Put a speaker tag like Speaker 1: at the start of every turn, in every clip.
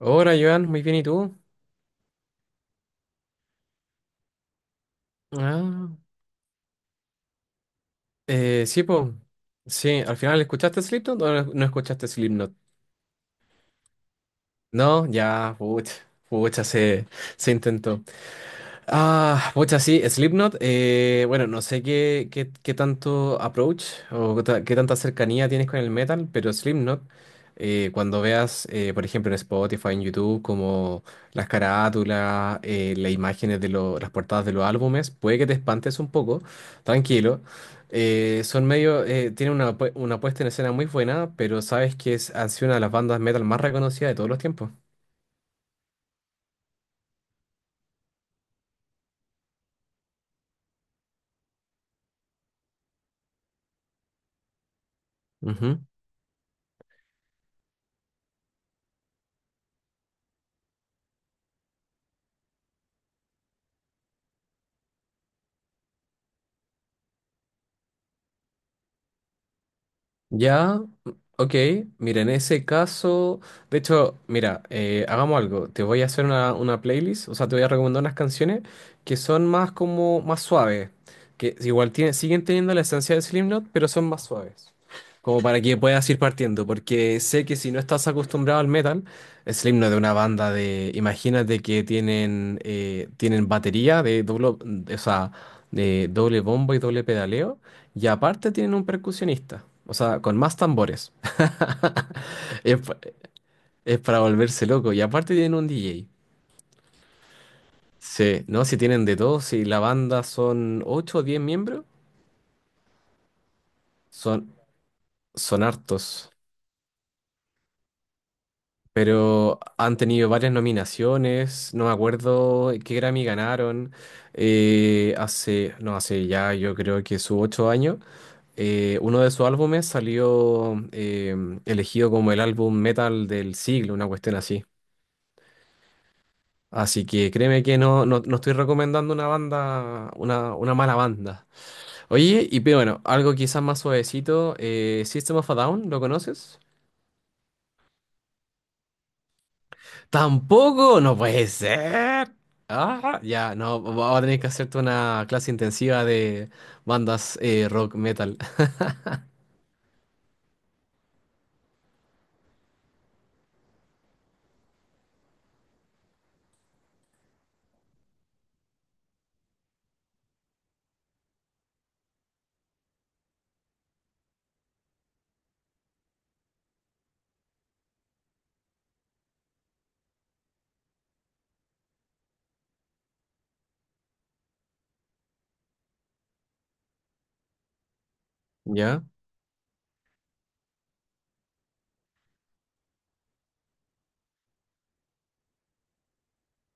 Speaker 1: Hola, Joan, muy bien, ¿y tú? Ah, sí, po. Sí, al final, ¿escuchaste Slipknot o no escuchaste Slipknot? No, ya, pucha, pucha, se, se intentó. Ah, pucha, sí, Slipknot. Bueno, no sé qué tanto approach o qué tanta cercanía tienes con el metal, pero Slipknot, cuando veas, por ejemplo, en Spotify, en YouTube, como las carátulas, las imágenes de las portadas de los álbumes, puede que te espantes un poco, tranquilo. Son medio, tienen una, una puesta en escena muy buena, pero sabes que es, han sido una de las bandas metal más reconocidas de todos los tiempos. Ujú. Ya, ok. Mira, en ese caso, de hecho, mira, hagamos algo. Te voy a hacer una playlist, o sea, te voy a recomendar unas canciones que son más como, más suaves, que igual tienen, siguen teniendo la esencia de Slipknot, pero son más suaves. Como para que puedas ir partiendo, porque sé que si no estás acostumbrado al metal, Slipknot es una banda de, imagínate que tienen, tienen batería de doble, o sea, de doble bombo y doble pedaleo. Y aparte tienen un percusionista, o sea, con más tambores. Es, pa- es para volverse loco. Y aparte tienen un DJ. Sí, no, si tienen de todo, si la banda son 8 o 10 miembros, son, son hartos. Pero han tenido varias nominaciones, no me acuerdo qué Grammy ganaron. Hace, no, Hace ya yo creo que sus 8 años, uno de sus álbumes salió elegido como el álbum metal del siglo, una cuestión así. Así que créeme que no estoy recomendando una banda, una mala banda. Oye, y pero bueno, algo quizás más suavecito, System of a Down, ¿lo conoces? ¡Tampoco! ¡No puede ser! Ah, ya, no, vamos a tener que hacerte una clase intensiva de bandas rock metal. ¿Ya?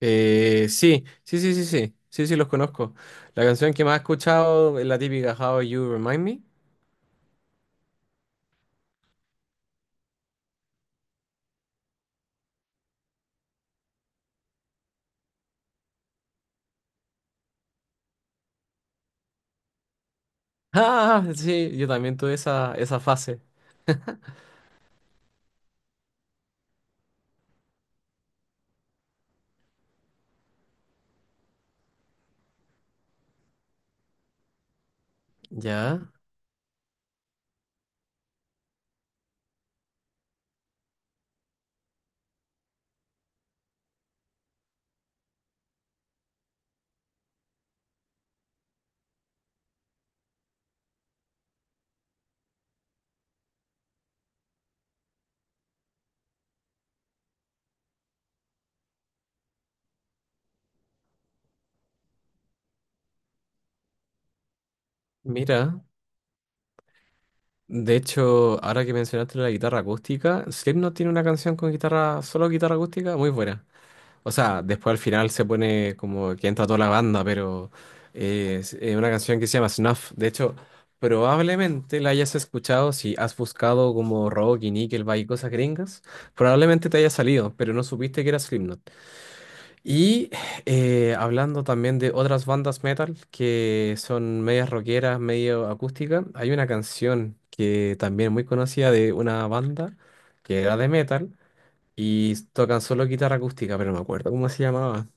Speaker 1: Sí, los conozco. La canción que más he escuchado es la típica How You Remind Me. Ah, sí, yo también tuve esa fase. ¿Ya? Mira, de hecho, ahora que mencionaste la guitarra acústica, no tiene una canción con guitarra, solo guitarra acústica, muy buena. O sea, después al final se pone como que entra toda la banda, pero es una canción que se llama Snuff. De hecho, probablemente la hayas escuchado si has buscado como rock y Nickelback y cosas gringas. Probablemente te haya salido, pero no supiste que era Slipknot. Y Hablando también de otras bandas metal que son medias rockeras, medio acústicas, hay una canción que también es muy conocida de una banda que era de metal y tocan solo guitarra acústica, pero no me acuerdo cómo se llamaba.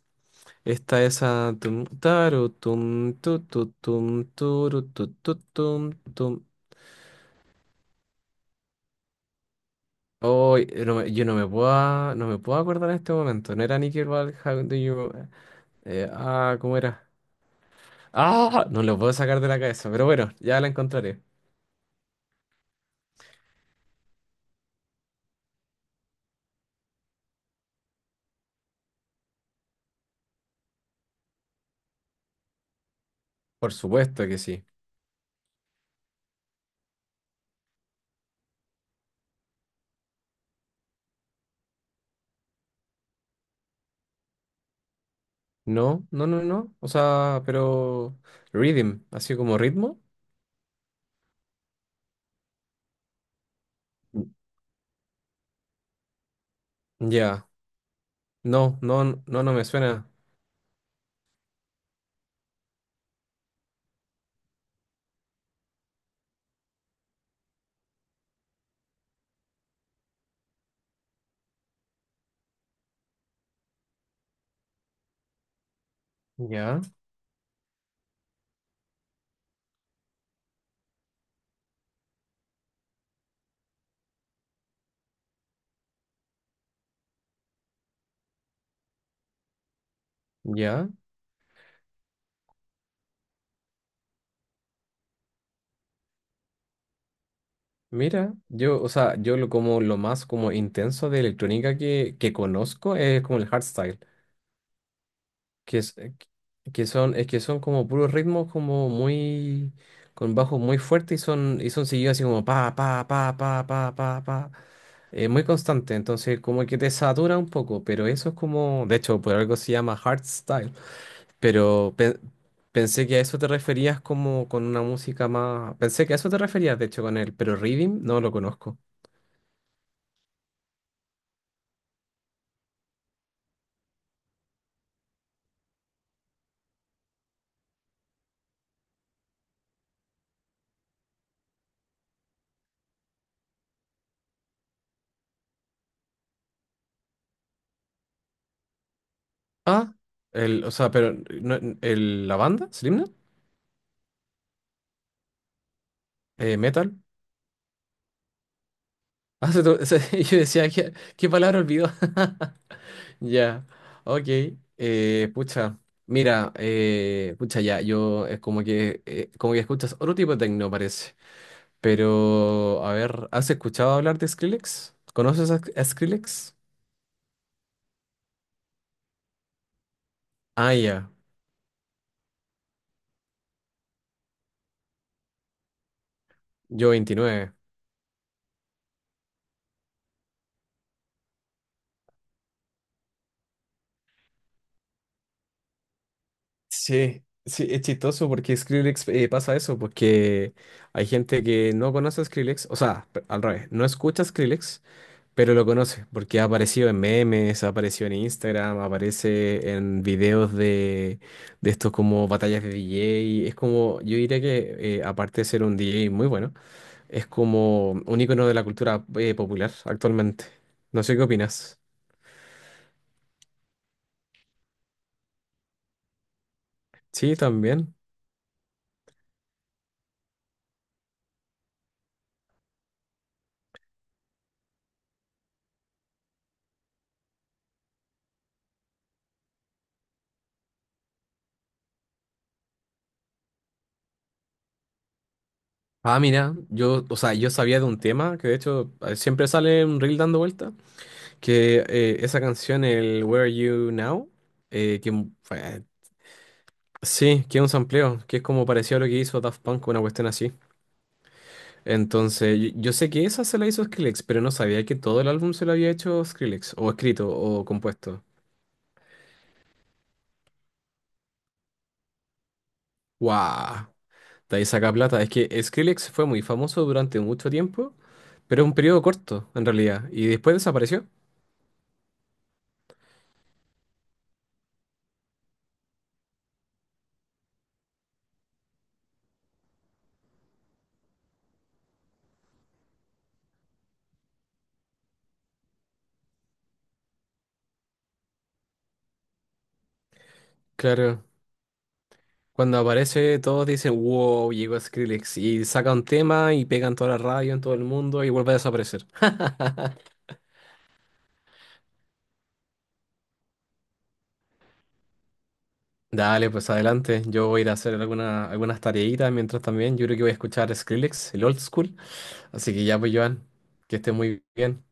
Speaker 1: Esta es a tum taru tum tu tu tum turu tu tu tum tum. Oh, yo no me puedo, no me puedo acordar en este momento. No era Nickelback, How Do You... ¿cómo era? Ah, no lo puedo sacar de la cabeza, pero bueno, ya la encontraré. Por supuesto que sí. No, no, no, no. O sea, pero rhythm, así como ritmo. Mm. Ya. No, no, no, no me suena. Ya, ya. Mira, yo, o sea, yo lo como lo más como intenso de electrónica que conozco es como el hardstyle. que, es- eh, que son, es que son como puros ritmos como muy, con bajos muy fuertes y son seguidos así como pa, pa, pa, pa, pa, pa, pa. Muy constante, entonces como que te satura un poco, pero eso es como, de hecho, por algo se llama hardstyle, pero pe- pensé que a eso te referías como con una música más, pensé que a eso te referías, de hecho, con él, pero Rhythm no lo conozco. Ah, el, o sea, pero no- el, La banda, Slipknot, metal. Ah, yo decía, ¿qué palabra olvidó? Ya, ok. Pucha, mira, pucha, ya, yo es como que escuchas otro tipo de tecno, parece. Pero, a ver, ¿has escuchado hablar de Skrillex? ¿Conoces a Skrillex? Ah, ya, yo 29. Sí, sí, es chistoso porque Skrillex pasa eso, porque hay gente que no conoce a Skrillex, o sea, al revés, no escucha a Skrillex, pero lo conoce, porque ha aparecido en memes, ha aparecido en Instagram, aparece en videos de estos como batallas de DJ. Es como, yo diría que aparte de ser un DJ muy bueno, es como un icono de la cultura popular actualmente. No sé qué opinas. Sí, también. Ah, mira, yo, o sea, yo sabía de un tema que de hecho siempre sale un reel dando vuelta, que esa canción, el Where Are You Now, fue... Sí, que es un sampleo, que es como parecido a lo que hizo Daft Punk, una cuestión así. Entonces, yo sé que esa se la hizo Skrillex, pero no sabía que todo el álbum se lo había hecho Skrillex, o escrito, o compuesto. ¡Wow! De ahí saca plata. Es que Skrillex fue muy famoso durante mucho tiempo, pero un periodo corto, en realidad, y después desapareció. Claro, cuando aparece todos dicen, wow, llegó Skrillex, y saca un tema y pegan toda la radio en todo el mundo y vuelve a desaparecer. Dale, pues adelante. Yo voy a ir a hacer algunas tareitas mientras también. Yo creo que voy a escuchar Skrillex, el old school. Así que ya, pues, Joan, que esté muy bien.